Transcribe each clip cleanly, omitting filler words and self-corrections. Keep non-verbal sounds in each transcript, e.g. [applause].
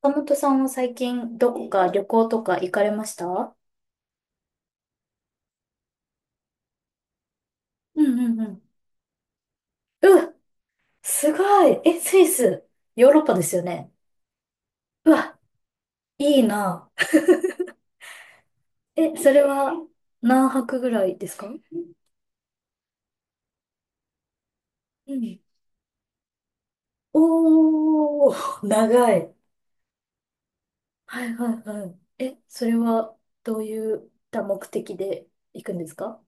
岡本さんは最近どこか旅行とか行かれました？うんうんうん。うわ、すごい。え、スイス、ヨーロッパですよね。うわ、いいな。え、それは何泊ぐらいですか？うん。おー、長い。はいはいはい。え、それはどういった目的で行くんですか？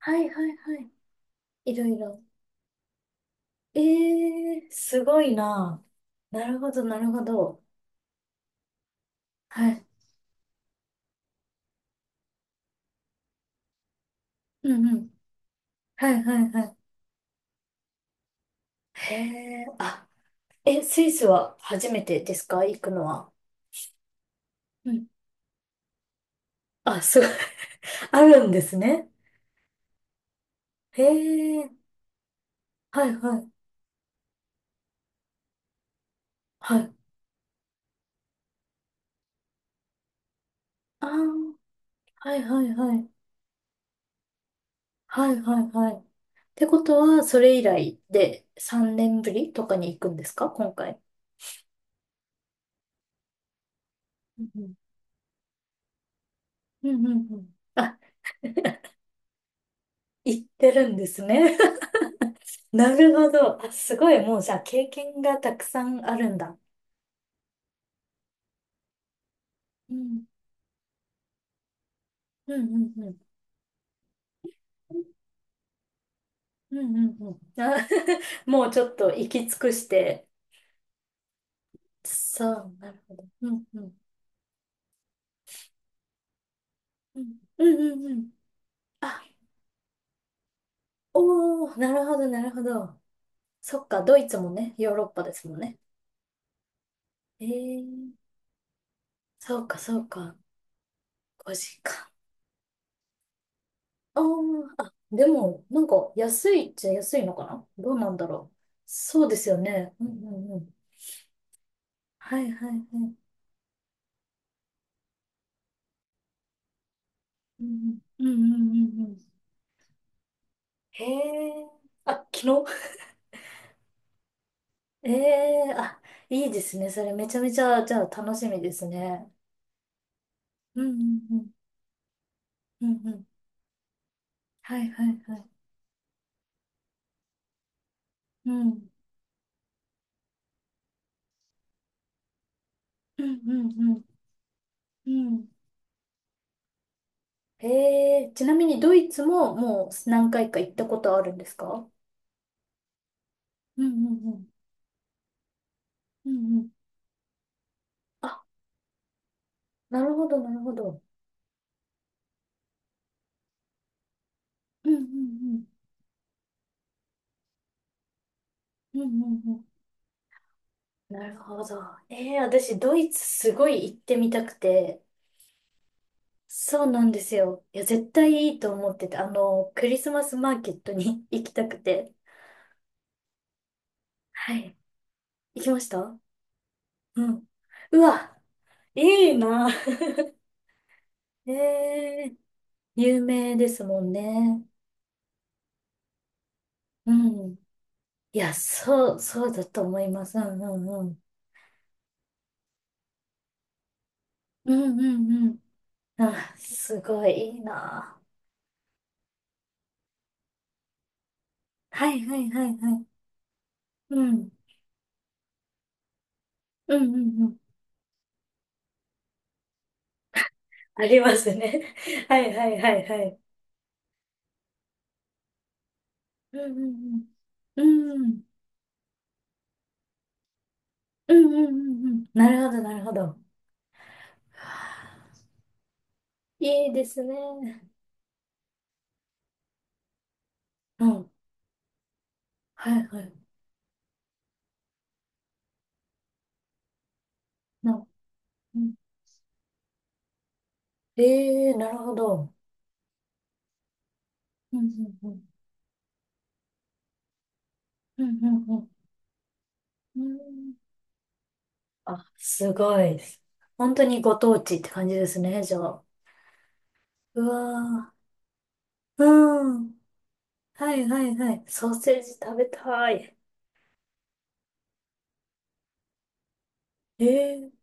はいはいはい。いろいろ。えー、すごいな。なるほどなるほど。はい。うんうん。はいはいはい。へえ、あ、え、スイスは初めてですか？行くのは。うん。あ、すごい、[laughs] あるんですね。へえ、はいはい、はい。ああ、はいはいはい。はいはいはい。ってことは、それ以来で3年ぶりとかに行くんですか？今回。うんうんうんうんうん。あ、行ってるんですね。[laughs] なるほど。あ、すごい、もうじゃあ経験がたくさんあるんだ。うん、うんうんうん。うんうんうん。あ、[laughs] もうちょっと行き尽くして。そう、なるほど。うんうん。うんうんうんうん。あ、おー、なるほど、なるほど。そっか、ドイツもね、ヨーロッパですもんね。えー、そうか、そうか。5時間。あー、あ、でも、なんか、安いっちゃ安いのかな？どうなんだろう。そうですよね。うんうんうん。はいはいはい。うんうんうんうんうんうん。へえ。あ、昨日ええあ、いいですね。それめちゃめちゃ、じゃあ楽しみですね。うん、うん、うん、うん、うん。はいはいはい。うん、うん、うん、うん。うんええちなみにドイツももう何回か行ったことあるんですか？うん、うん、うん、うん、うん。あ、なるほど、なるほど。うん、うん、うん、うん、うん。うんなるほど。ええ私、ドイツすごい行ってみたくて。そうなんですよ。いや、絶対いいと思ってて、クリスマスマーケットに [laughs] 行きたくて。はい。行きました？うん。うわ、いいな。[laughs] ええ有名ですもんね。うん。いや、そう、そうだと思います。うんうんうん。うんうんうん。あ、すごいいいな。はいはいはいはい。うん。うんうんうん。ありますね。[laughs] はいはいはいはい。うんうんうん。うん。うんうんうんうん。なるほどなるほど。いいですね。うん。はいはい。うんええなるほど。うんうんうん。うんうんうん、うん。あ、すごいです。本当にご当地って感じですね、じゃあ。うわー。うん。はいはいはい。ソーセージ食べたい。ええ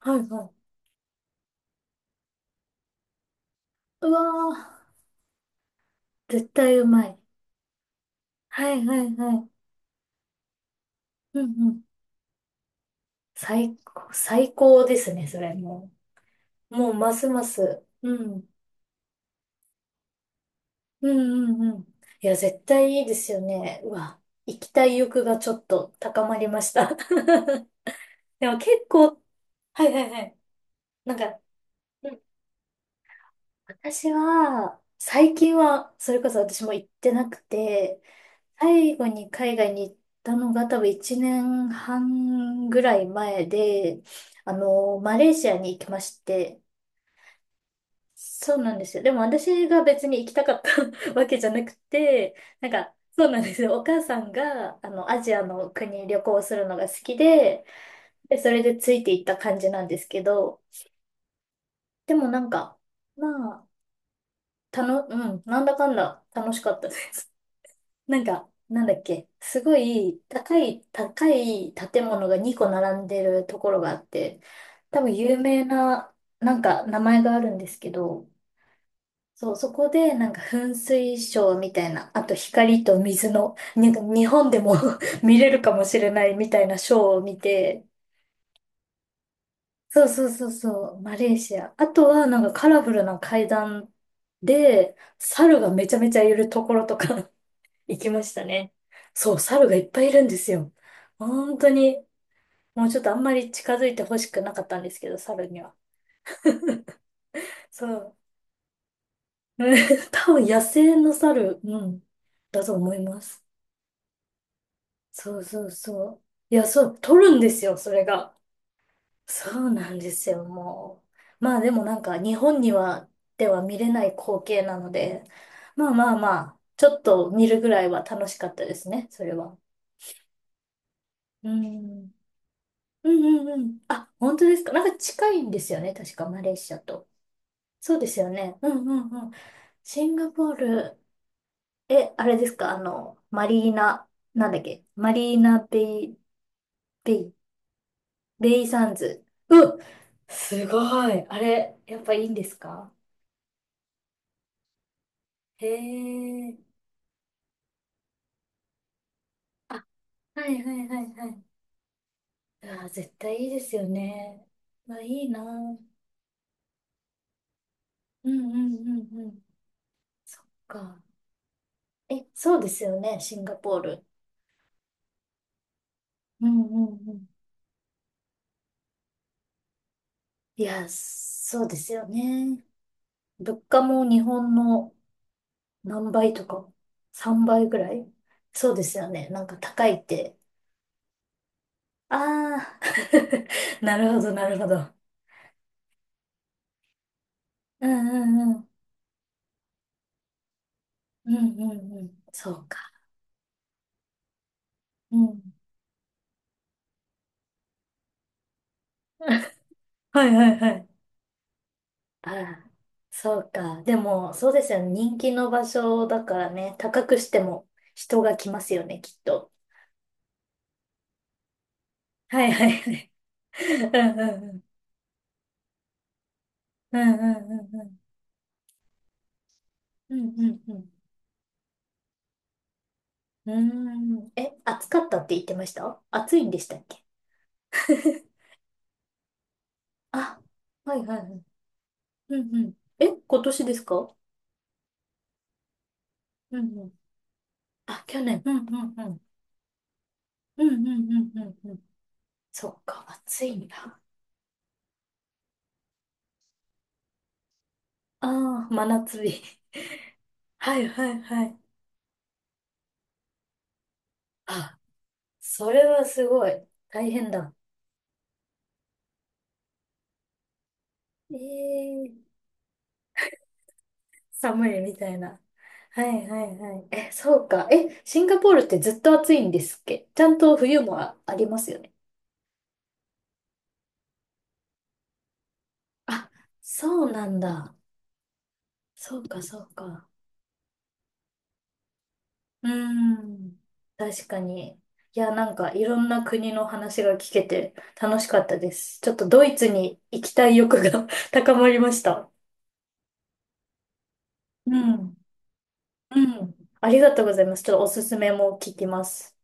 はいはい。うわー。絶対うまい。はいはいはい。うんうん。最高、最高ですね、それもう。もうますます。うん。うんうんうん。いや、絶対いいですよね。うわ、行きたい欲がちょっと高まりました。[laughs] でも結構、はいはいはい。なんか、うん私は、最近は、それこそ私も行ってなくて、最後に海外に行ったのが多分1年半ぐらい前で、マレーシアに行きまして、そうなんですよ。でも私が別に行きたかった [laughs] わけじゃなくて、なんか、そうなんですよ。お母さんが、アジアの国旅行するのが好きで、で、それでついていった感じなんですけど、でもなんか、まあ、うん、なんだかんだ楽しかったです。[laughs] なんか、なんだっけ、すごい高い、高い建物が2個並んでるところがあって、多分有名な、なんか名前があるんですけど、そう、そこでなんか噴水ショーみたいな、あと光と水の、なんか日本でも [laughs] 見れるかもしれないみたいなショーを見て、そうそうそうそう、マレーシア。あとはなんかカラフルな階段で、猿がめちゃめちゃいるところとか [laughs] 行きましたね。そう、猿がいっぱいいるんですよ。本当に、もうちょっとあんまり近づいてほしくなかったんですけど、猿には。そう。うん [laughs] 多分野生の猿、うん、だと思います。そうそうそう。いや、そう、取るんですよ、それが。そうなんですよ、もう。まあでもなんか、日本には、では見れない光景なので、まあまあまあ、ちょっと見るぐらいは楽しかったですね、それは。うん。うんうんうん。あ、本当ですか？なんか近いんですよね、確か、マレーシアと。そうですよね。うんうんうん。シンガポール、え、あれですか、マリーナ、なんだっけ、マリーナベイ、ベイレイサンズ。うっ、すごい。あれ、やっぱいいんですか？へえ。はいはいはいはい。ああ、絶対いいですよね。まあいいな。うんうんうんうん。そっか。え、そうですよね、シンガポール。うんうんうん。いや、そうですよね。物価も日本の何倍とか、3倍ぐらいそうですよね。なんか高いって。ああ、[laughs] なるほどなるほど。うんうんうん。うんうんうん。そうか。うん。[laughs] はいはいはい。あら、そうか。でも、そうですよね。人気の場所だからね、高くしても人が来ますよね、きっと。はいはいはい。うんうんうん。うんうんうん。うんうんうん。うん。え、暑かったって言ってました？暑いんでしたっけ？ [laughs] あ、はいはいはい。うんうん。え、今年ですか？うんうん。あ、去年。うんうんうん。うんうんうんうんうん。そっか、暑いんだ。ああ、真夏日。[laughs] はいはいはい。あ、それはすごい。大変だ。ええ寒いみたいな。はいはいはい。え、そうか。え、シンガポールってずっと暑いんですっけ？ちゃんと冬もありますよね。あ、そうなんだ。そうかそうか。うーん。確かに。いや、なんかいろんな国の話が聞けて楽しかったです。ちょっとドイツに行きたい欲が [laughs] 高まりました。うん。うん。ありがとうございます。ちょっとおすすめも聞きます。